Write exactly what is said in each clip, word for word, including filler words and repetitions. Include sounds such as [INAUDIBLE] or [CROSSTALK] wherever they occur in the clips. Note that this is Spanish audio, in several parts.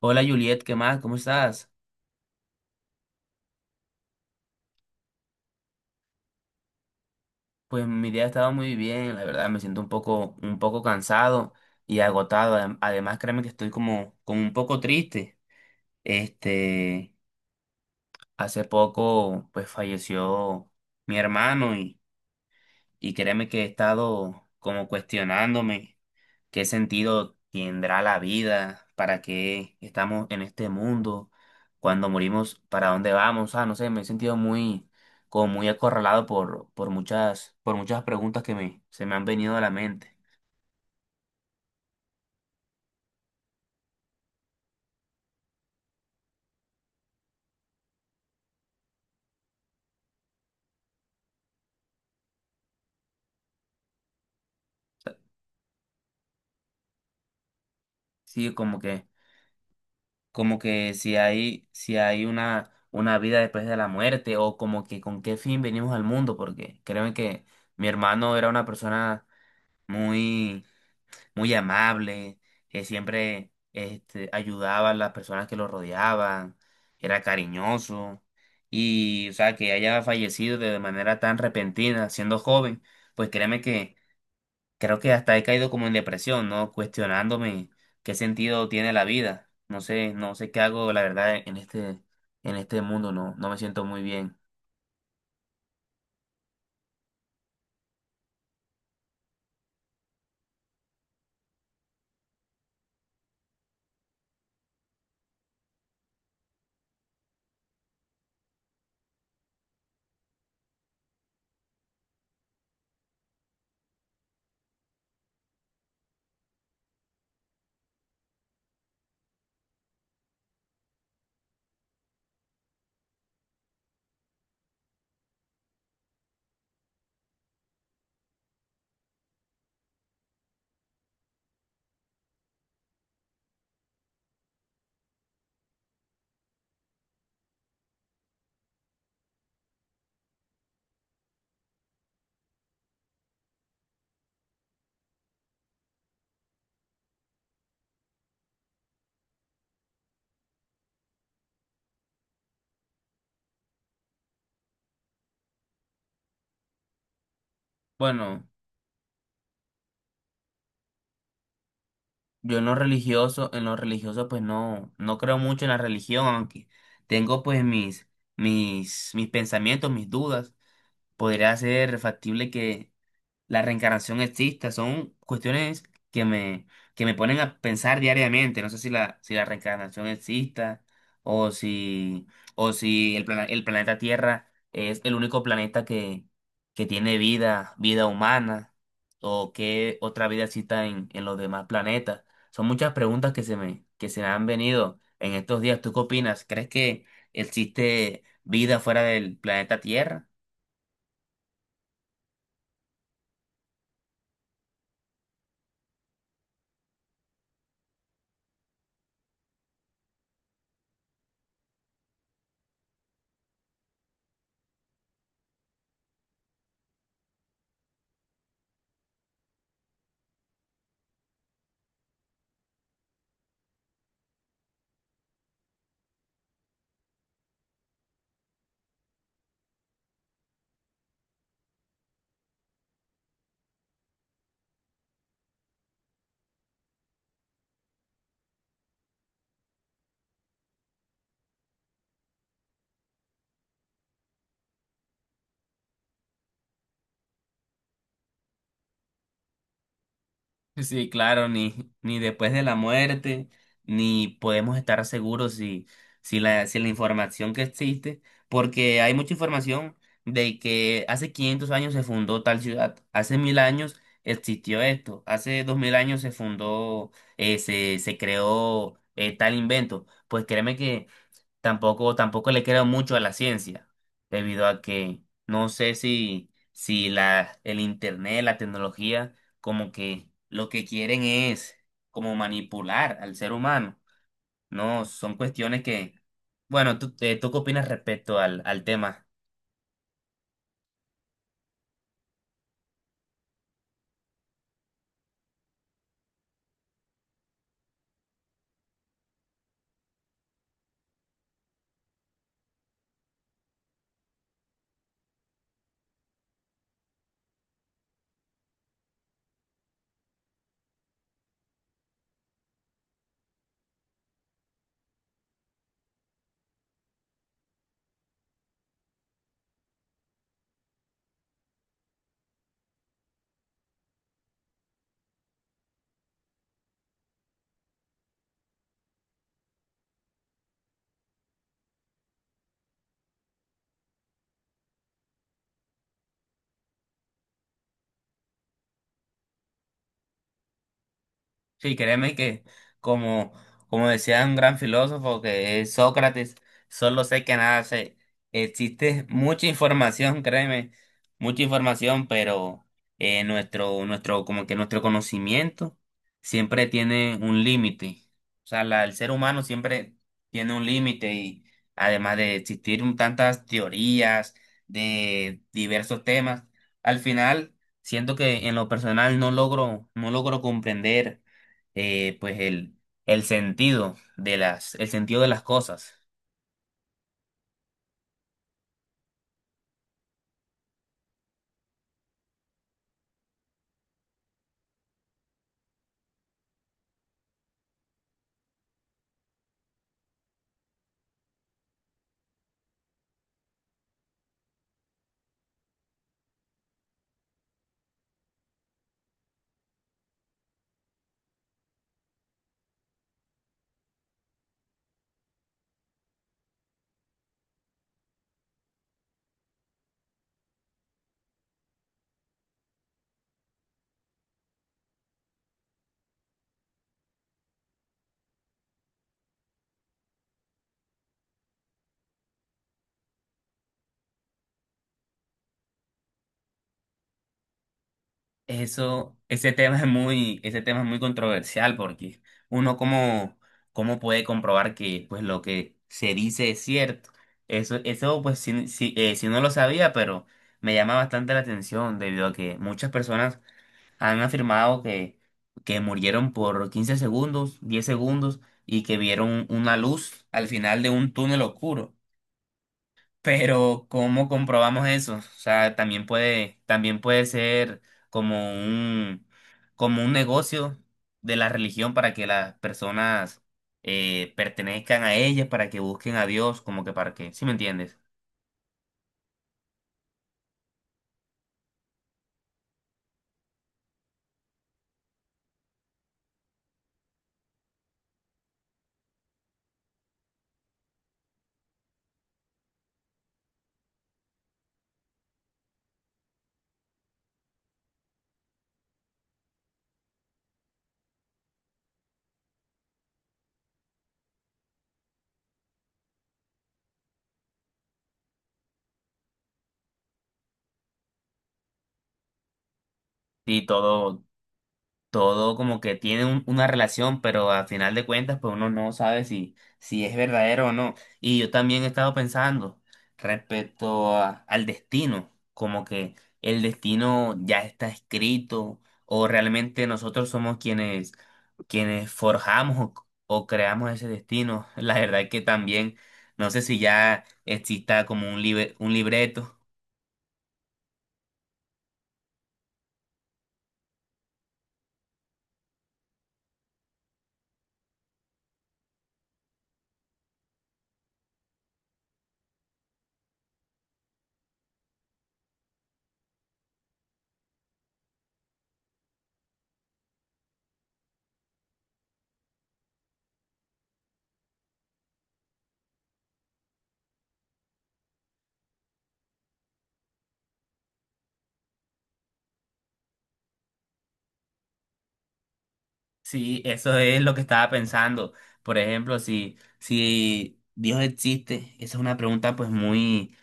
Hola Juliet, ¿qué más? ¿Cómo estás? Pues mi día ha estado muy bien, la verdad me siento un poco, un poco cansado y agotado. Adem- Además, créeme que estoy como, como un poco triste. Este, Hace poco pues falleció mi hermano y, y créeme que he estado como cuestionándome. ¿Qué sentido tendrá la vida? ¿Para qué estamos en este mundo? Cuando morimos, ¿para dónde vamos? Ah, no sé, me he sentido muy, como muy acorralado por, por muchas, por muchas preguntas que me, se me han venido a la mente. Sí, como que, como que si hay, si hay una, una vida después de la muerte, o como que con qué fin venimos al mundo, porque créeme que mi hermano era una persona muy muy amable, que siempre este, ayudaba a las personas que lo rodeaban, era cariñoso. Y, o sea, que haya fallecido de manera tan repentina, siendo joven, pues créeme que creo que hasta he caído como en depresión, ¿no? Cuestionándome qué sentido tiene la vida. No sé, no sé qué hago, la verdad, en este, en este mundo, no, no me siento muy bien. Bueno. Yo en lo religioso, En lo religioso pues no, no creo mucho en la religión, aunque tengo pues mis, mis, mis pensamientos, mis dudas. Podría ser factible que la reencarnación exista, son cuestiones que me, que me ponen a pensar diariamente. No sé si la, si la reencarnación exista o si, o si el, plana- el planeta Tierra es el único planeta que, que tiene vida, vida humana o qué otra vida exista en, en los demás planetas. Son muchas preguntas que se me, que se me han venido en estos días. ¿Tú qué opinas? ¿Crees que existe vida fuera del planeta Tierra? Sí, claro, ni, ni después de la muerte, ni podemos estar seguros si, si la, si la información que existe, porque hay mucha información de que hace quinientos años se fundó tal ciudad, hace mil años existió esto, hace dos mil años se fundó, eh, se, se creó eh, tal invento. Pues créeme que tampoco, tampoco le creo mucho a la ciencia, debido a que no sé si, si la, el internet, la tecnología, como que lo que quieren es como manipular al ser humano. No, son cuestiones que, bueno, ¿tú, eh, tú qué opinas respecto al, al tema? Sí, créeme que como, como decía un gran filósofo que es Sócrates, solo sé que nada sé. Existe mucha información, créeme, mucha información, pero eh, nuestro, nuestro, como que nuestro conocimiento siempre tiene un límite. O sea, la- el ser humano siempre tiene un límite y además de existir un- tantas teorías de diversos temas, al final siento que en lo personal no logro, no logro comprender eh, pues el, el sentido de las, el sentido de las cosas. Eso, ese tema es muy, Ese tema es muy controversial porque uno cómo, cómo puede comprobar que pues lo que se dice es cierto. Eso, eso pues si, si, eh, si no lo sabía, pero me llama bastante la atención debido a que muchas personas han afirmado que, que murieron por quince segundos, diez segundos y que vieron una luz al final de un túnel oscuro. Pero ¿cómo comprobamos eso? O sea, también puede, también puede ser como un, como un negocio de la religión para que las personas eh, pertenezcan a ella, para que busquen a Dios, como que para que, ¿sí me entiendes? Y todo, Todo como que tiene un- una relación, pero al final de cuentas, pues uno no sabe si, si es verdadero o no. Y yo también he estado pensando respecto a- al destino, como que el destino ya está escrito o realmente nosotros somos quienes, quienes forjamos o, o creamos ese destino. [LAUGHS] La verdad es que también, no sé si ya exista como un, libre un libreto. Sí, eso es lo que estaba pensando. Por ejemplo, si, si Dios existe, esa es una pregunta pues muy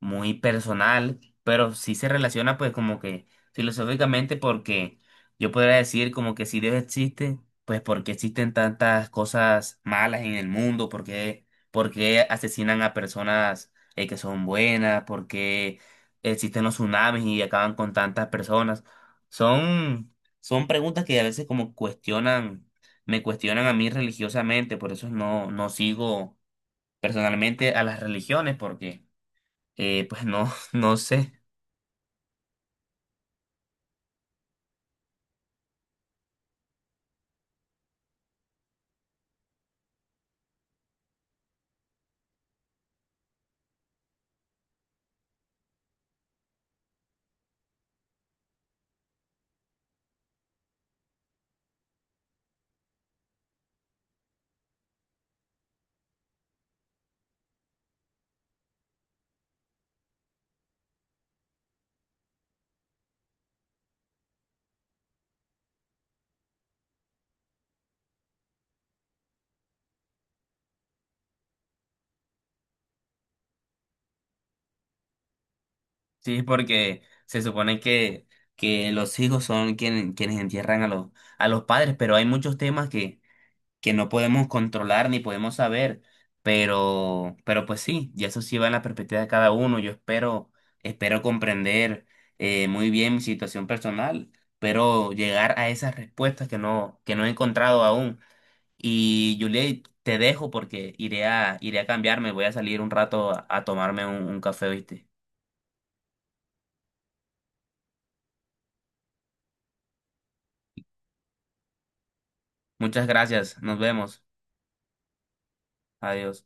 muy personal, pero sí se relaciona pues como que filosóficamente porque yo podría decir como que si Dios existe, pues por qué existen tantas cosas malas en el mundo, por qué, por qué asesinan a personas eh, que son buenas, por qué existen los tsunamis y acaban con tantas personas. Son, Son preguntas que a veces como cuestionan, me cuestionan a mí religiosamente, por eso no, no sigo personalmente a las religiones porque... Eh, pues no, [LAUGHS] no sé. Sí, porque se supone que, que los hijos son quien- quienes entierran a los, a los padres, pero hay muchos temas que, que no podemos controlar ni podemos saber. Pero, pero pues sí, y eso sí va en la perspectiva de cada uno. Yo espero, espero comprender eh, muy bien mi situación personal, pero llegar a esas respuestas que no, que no he encontrado aún. Y Juliet, te dejo porque iré a, iré a cambiarme, voy a salir un rato a, a tomarme un, un café, ¿viste? Muchas gracias, nos vemos, adiós.